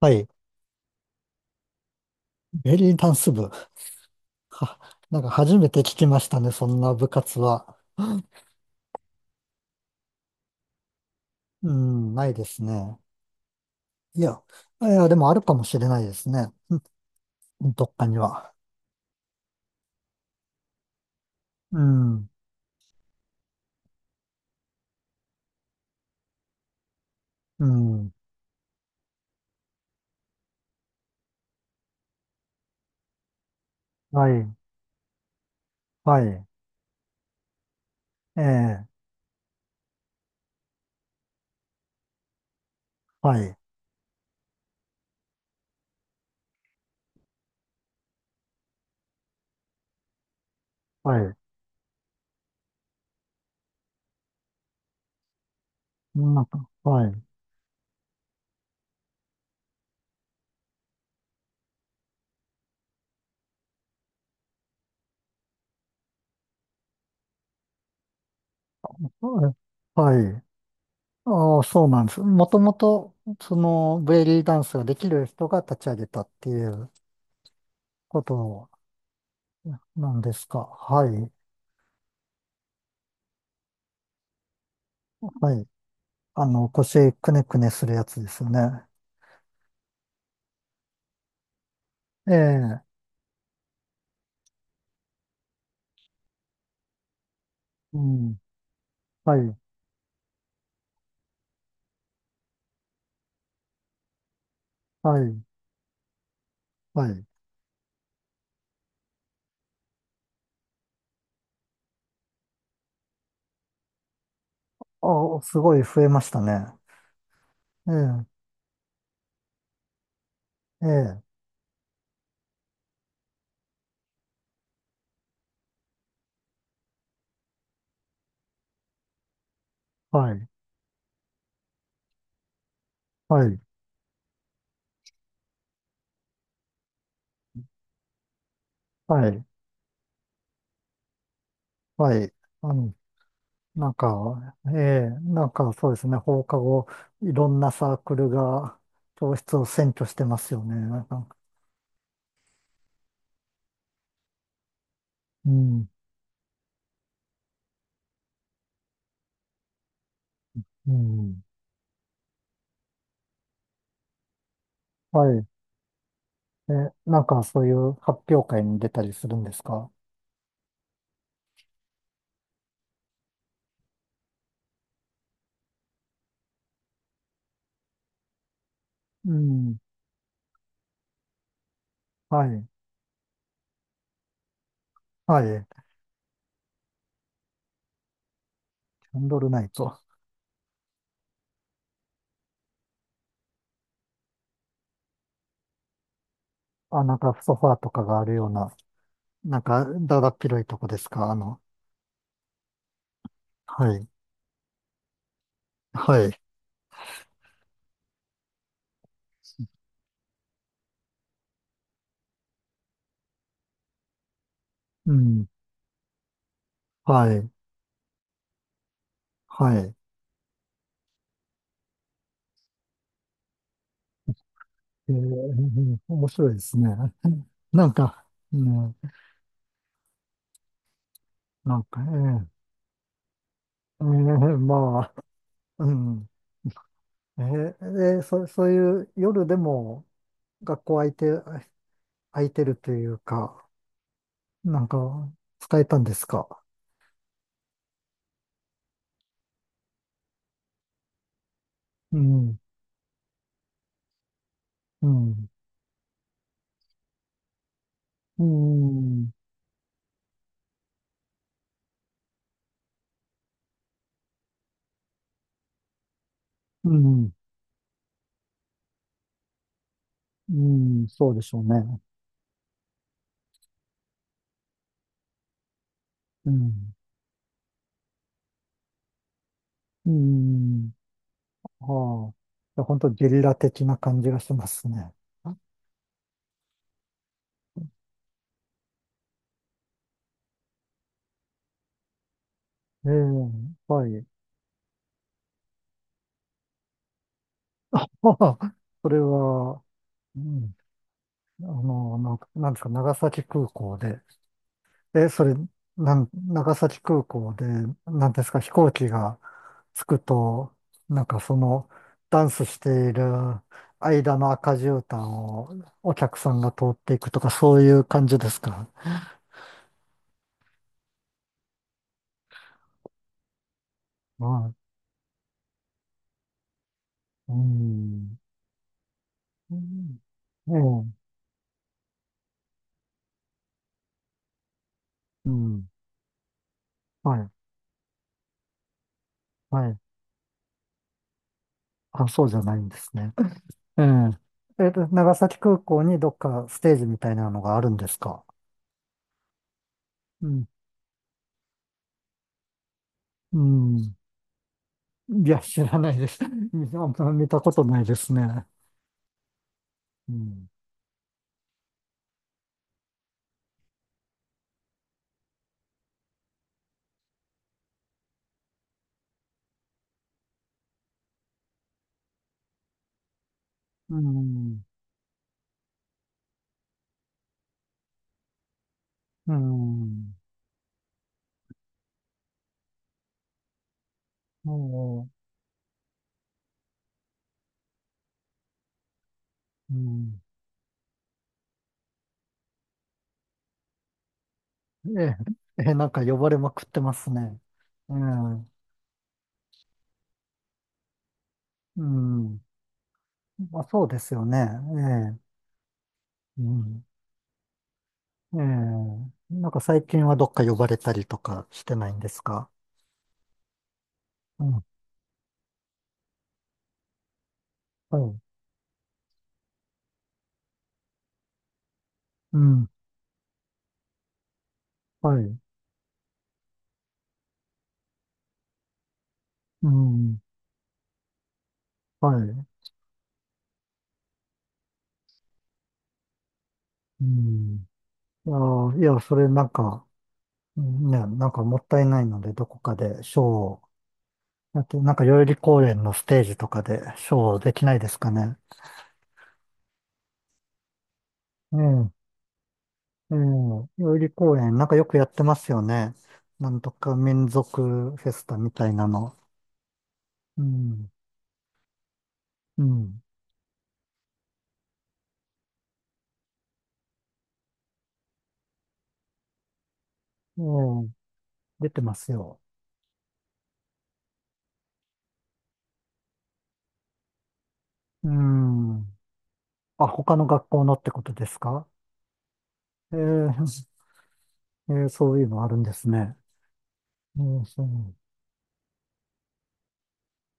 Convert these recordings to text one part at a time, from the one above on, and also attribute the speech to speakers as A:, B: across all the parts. A: はい。ベリーダンス部。は、なんか初めて聞きましたね、そんな部活は。うん、ないですね。いや、いや、でもあるかもしれないですね。どっかには。うん、うん。はい、はい。ええ、はい、はい。なんか、はい。はい。ああ、そうなんです。もともと、その、ベリーダンスができる人が立ち上げたっていうことなんですか？はい。はい。腰くねくねするやつですよね。ええ、うん。はい、はい、はい。あ、すごい増えましたね。ええ、ええ、はい、はい、はい、はい。あの、なんか、ええ、なんかそうですね、放課後、いろんなサークルが教室を占拠してますよね。なんか、うん、うん。はい。え、なんかそういう発表会に出たりするんですか？うん、はい、はい。キャンドルナイト。あ、なんかソファーとかがあるような、なんかだだっ広いとこですか？はい、はい、うん、はい、はい。えー、面白いですね。なんか、うん、なんか、まあ、うん、えー、そういう夜でも学校空いて、空いてるというか、なんか使えたんですか？うん、うん、うん、うん、うん、そうでしょうね。うん、うーん。はあ。いや本当ゲリラ的な感じがしますね。ええ、はい。はあ、それは、うん、なんですか、長崎空港で、え、それ、なん、長崎空港で、なんですか、飛行機が着くと、なんかダンスしている間の赤絨毯をお客さんが通っていくとか、そういう感じですか？はい。うん。うん、ええ、うん。はい、はい。あ、そうじゃないんですね。ええ。長崎空港にどっかステージみたいなのがあるんですか？うん。うん。いや、知らないです。あんま見たことないですね。うん。うん。うん。もう、うん。ええ、ええ、なんか呼ばれまくってますね。ええ。うん。まあ、そうですよね。ええ。うん。ええ。なんか最近はどっか呼ばれたりとかしてないんですか？うん。はい。うん、はい、うん、はい、うん。ああ、いや、それなんか、うん、ね、なんかもったいないので、どこかでショーをやって、なんか代々木公園のステージとかでショーをできないですかね。ええ、ええ、代々木公園、なんかよくやってますよね。なんとか民族フェスタみたいなの。うん、うん、ええ、出てますよ。うん。あ、他の学校のってことですか？ええ、ええ、そういうのあるんですね。そうそう。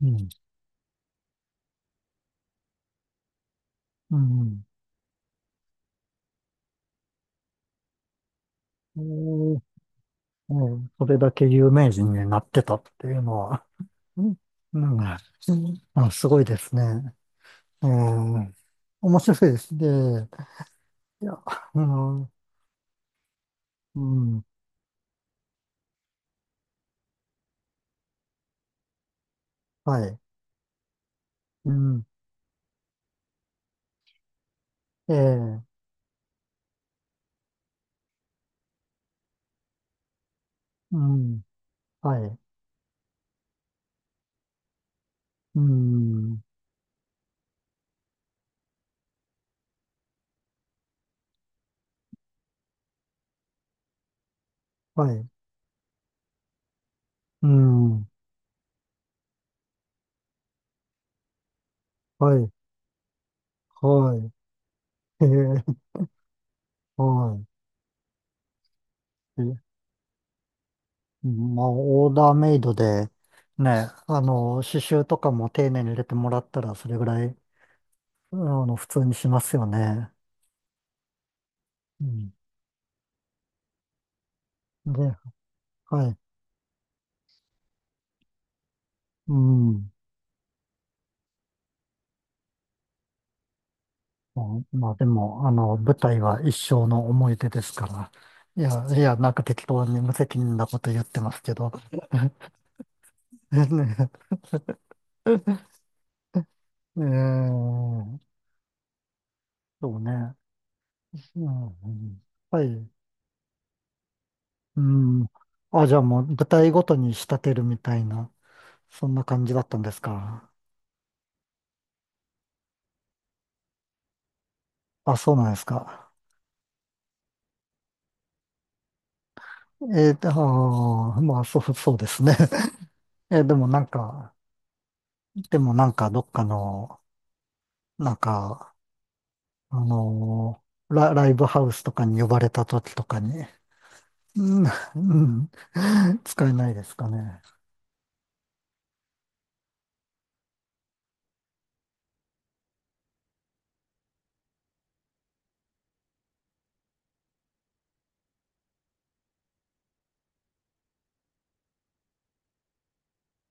A: うん。うん。おー、おー、それだけ有名人になってたっていうのは、うん、なんか、うん、あ、すごいですね。えー、面白いですね。いや、うん、うん、はい、うん、ええ、うん、はい、うん、はい、うん、はい、はい、えー、はい。まあ、オーダーメイドで、ね、刺繍とかも丁寧に入れてもらったら、それぐらい、普通にしますよね。うん。で、はい。うん。まあ、まあ、でも、舞台は一生の思い出ですから。いや、いや、なんか適当に無責任なこと言ってますけど。ねえー、そうね。うん、はい。うん。あ、じゃあもう、舞台ごとに仕立てるみたいな、そんな感じだったんですか？あ、そうなんですか？あー、まあ、そうですね。でもなんか、どっかの、なんか、あのライブハウスとかに呼ばれた時とかに、うん、うん、使えないですかね。